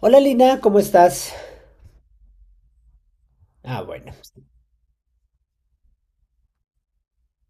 Hola Lina, ¿cómo estás? Ah, bueno.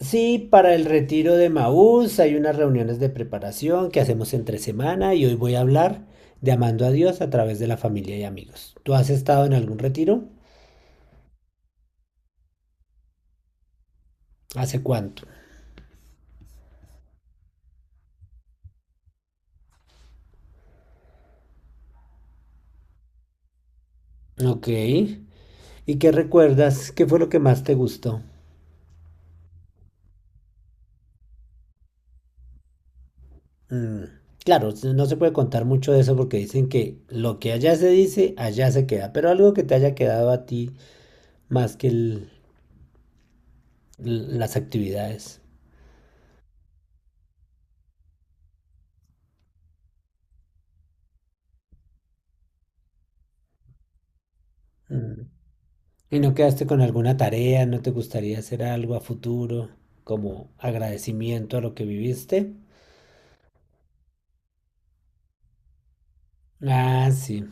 Sí, para el retiro de Maús hay unas reuniones de preparación que hacemos entre semana y hoy voy a hablar de amando a Dios a través de la familia y amigos. ¿Tú has estado en algún retiro? ¿Hace cuánto? Ok. ¿Y qué recuerdas? ¿Qué fue lo que más te gustó? Mm. Claro, no se puede contar mucho de eso porque dicen que lo que allá se dice, allá se queda, pero algo que te haya quedado a ti más que las actividades. Mm. ¿Y no quedaste con alguna tarea? ¿No te gustaría hacer algo a futuro como agradecimiento a lo que viviste? Ah, sí.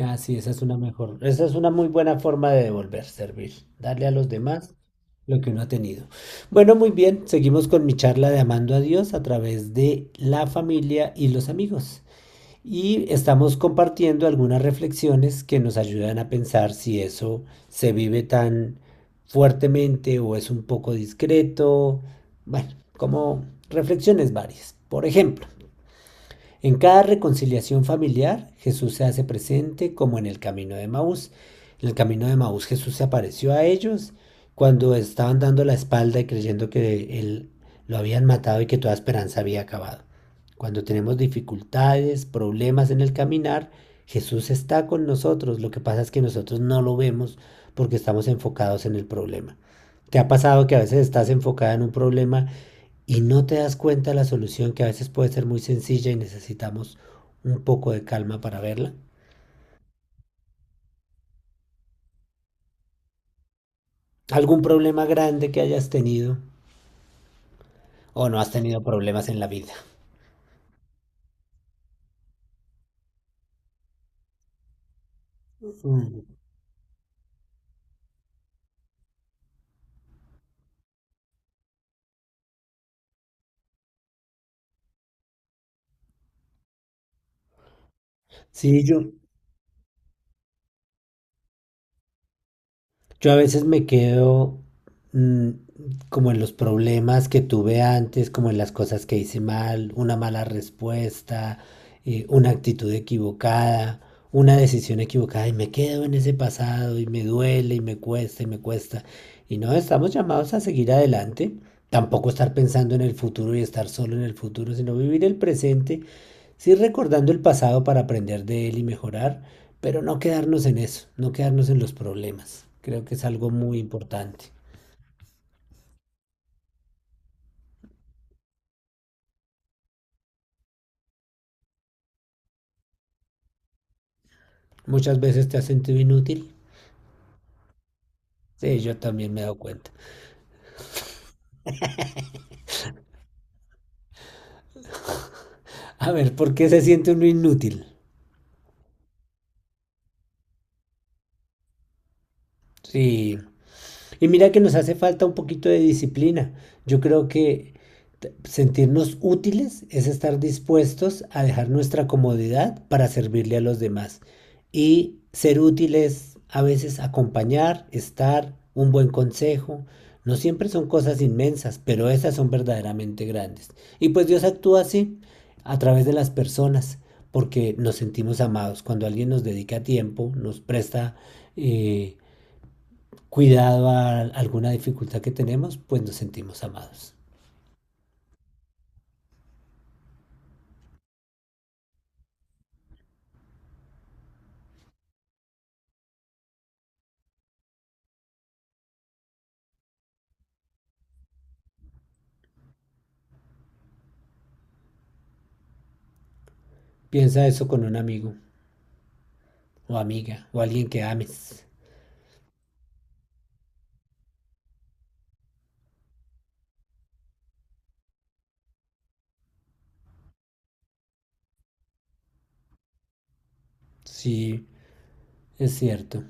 Ah, sí, esa es una mejor, esa es una muy buena forma de devolver, servir, darle a los demás lo que uno ha tenido. Bueno, muy bien, seguimos con mi charla de amando a Dios a través de la familia y los amigos, y estamos compartiendo algunas reflexiones que nos ayudan a pensar si eso se vive tan fuertemente o es un poco discreto. Bueno, como reflexiones varias. Por ejemplo, en cada reconciliación familiar, Jesús se hace presente como en el camino de Maús. En el camino de Maús Jesús se apareció a ellos cuando estaban dando la espalda y creyendo que él lo habían matado y que toda esperanza había acabado. Cuando tenemos dificultades, problemas en el caminar, Jesús está con nosotros. Lo que pasa es que nosotros no lo vemos porque estamos enfocados en el problema. ¿Te ha pasado que a veces estás enfocada en un problema y no te das cuenta de la solución que a veces puede ser muy sencilla y necesitamos un poco de calma para verla? ¿Algún problema grande que hayas tenido o no has tenido problemas en la vida? Mm. Sí, yo a veces me quedo mm, como en los problemas que tuve antes, como en las cosas que hice mal, una mala respuesta, una actitud equivocada, una decisión equivocada y me quedo en ese pasado y me duele y me cuesta. Y no, estamos llamados a seguir adelante, tampoco estar pensando en el futuro y estar solo en el futuro, sino vivir el presente, sí recordando el pasado para aprender de él y mejorar, pero no quedarnos en eso, no quedarnos en los problemas. Creo que es algo muy importante. Muchas veces te has sentido inútil. Sí, yo también me he dado cuenta. A ver, ¿por qué se siente uno inútil? Sí. Y mira que nos hace falta un poquito de disciplina. Yo creo que sentirnos útiles es estar dispuestos a dejar nuestra comodidad para servirle a los demás. Y ser útiles a veces acompañar, estar, un buen consejo. No siempre son cosas inmensas, pero esas son verdaderamente grandes. Y pues Dios actúa así a través de las personas, porque nos sentimos amados. Cuando alguien nos dedica tiempo, nos presta eh, cuidado a alguna dificultad que tenemos, pues nos sentimos amados. Piensa eso con un amigo o amiga o alguien que ames. Sí, es cierto.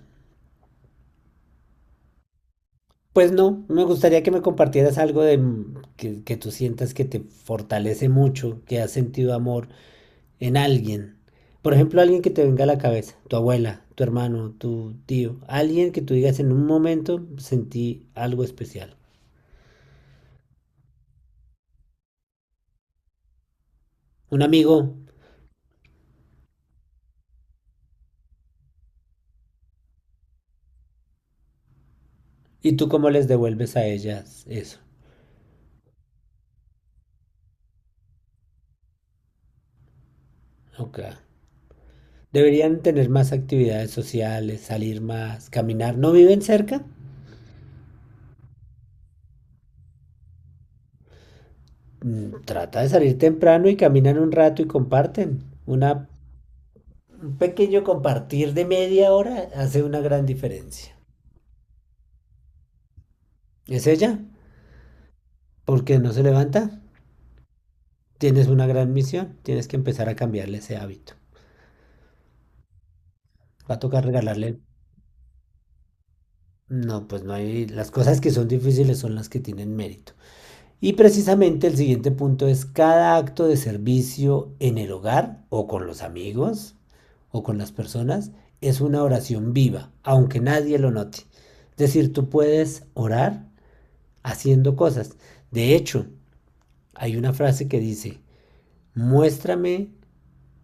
Pues no, me gustaría que me compartieras algo de que tú sientas que te fortalece mucho, que has sentido amor en alguien. Por ejemplo, alguien que te venga a la cabeza, tu abuela, tu hermano, tu tío, alguien que tú digas en un momento sentí algo especial. Un amigo, y tú cómo les devuelves a ellas eso. Okay. Deberían tener más actividades sociales, salir más, caminar. ¿No viven cerca? Mm, trata de salir temprano y caminan un rato y comparten. Una, un pequeño compartir de media hora hace una gran diferencia. ¿Es ella? ¿Por qué no se levanta? Tienes una gran misión. Tienes que empezar a cambiarle ese hábito. Va a tocar regalarle... No, pues no hay... Las cosas que son difíciles son las que tienen mérito. Y precisamente el siguiente punto es cada acto de servicio en el hogar o con los amigos o con las personas es una oración viva, aunque nadie lo note. Es decir, tú puedes orar haciendo cosas. De hecho, hay una frase que dice, muéstrame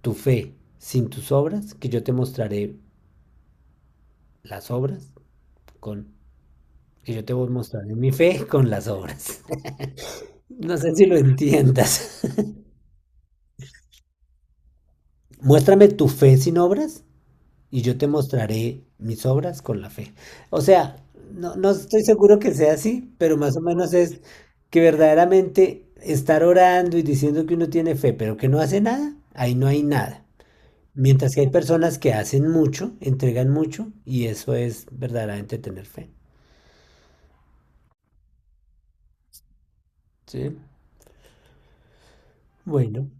tu fe sin tus obras, que yo te mostraré las obras con... Que yo te voy a mostrar mi fe con las obras. No sé si lo entiendas. Muéstrame tu fe sin obras y yo te mostraré mis obras con la fe. O sea, no, no estoy seguro que sea así, pero más o menos es que verdaderamente estar orando y diciendo que uno tiene fe, pero que no hace nada, ahí no hay nada. Mientras que hay personas que hacen mucho, entregan mucho, y eso es verdaderamente tener fe. Sí, bueno,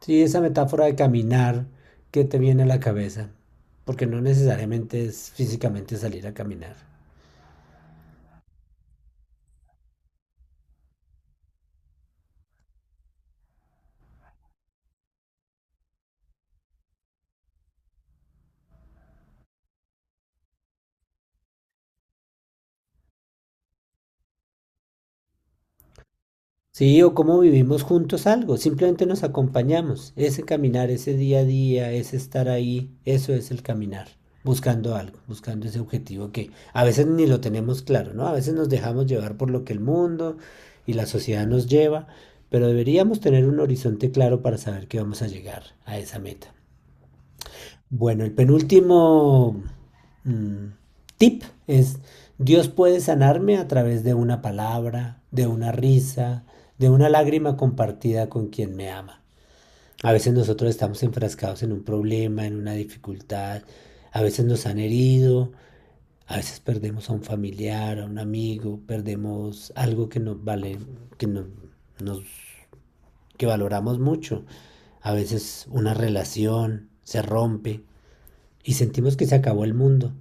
sí, esa metáfora de caminar que te viene a la cabeza, porque no necesariamente es físicamente salir a caminar. Sí, o cómo vivimos juntos algo, simplemente nos acompañamos. Ese caminar, ese día a día, ese estar ahí, eso es el caminar, buscando algo, buscando ese objetivo que a veces ni lo tenemos claro, ¿no? A veces nos dejamos llevar por lo que el mundo y la sociedad nos lleva, pero deberíamos tener un horizonte claro para saber que vamos a llegar a esa meta. Bueno, el penúltimo mm, tip es, Dios puede sanarme a través de una palabra, de una risa, de una lágrima compartida con quien me ama. A veces nosotros estamos enfrascados en un problema, en una dificultad, a veces nos han herido, a veces perdemos a un familiar, a un amigo, perdemos algo que nos vale, que no- nos que valoramos mucho. A veces una relación se rompe y sentimos que se acabó el mundo.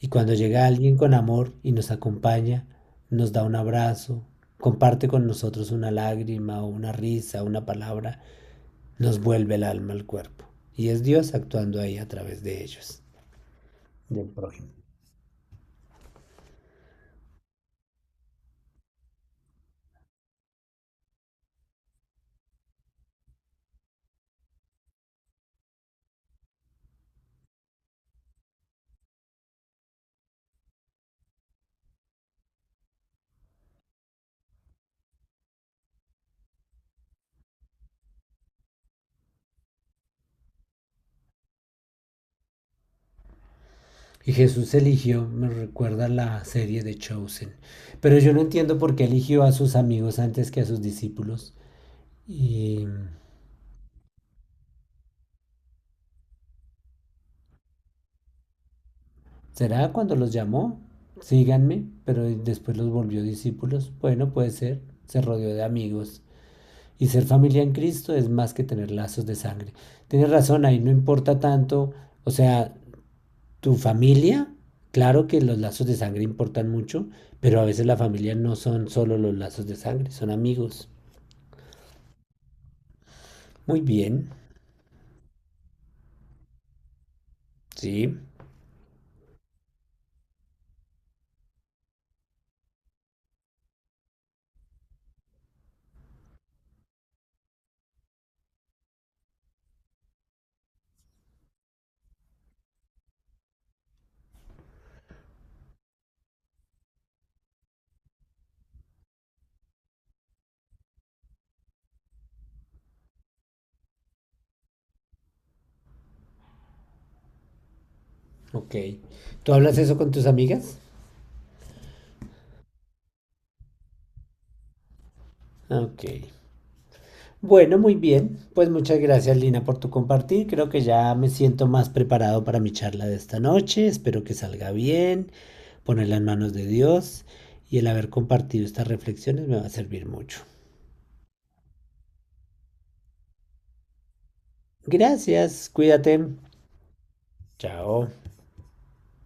Y cuando llega alguien con amor y nos acompaña, nos da un abrazo, comparte con nosotros una lágrima o una risa, una palabra, nos vuelve el alma al cuerpo. Y es Dios actuando ahí a través de ellos, del prójimo. Y Jesús eligió, me recuerda la serie de Chosen. Pero yo no entiendo por qué eligió a sus amigos antes que a sus discípulos. Y ¿será cuando los llamó? Síganme, pero después los volvió discípulos. Bueno, puede ser. Se rodeó de amigos. Y ser familia en Cristo es más que tener lazos de sangre. Tienes razón, ahí no importa tanto. O sea, tu familia, claro que los lazos de sangre importan mucho, pero a veces la familia no son solo los lazos de sangre, son amigos. Muy bien, sí, ok. ¿Tú hablas eso con tus amigas? Ok. Bueno, muy bien. Pues muchas gracias, Lina, por tu compartir. Creo que ya me siento más preparado para mi charla de esta noche. Espero que salga bien, ponerla en manos de Dios, y el haber compartido estas reflexiones me va a servir mucho. Gracias, cuídate. Chao.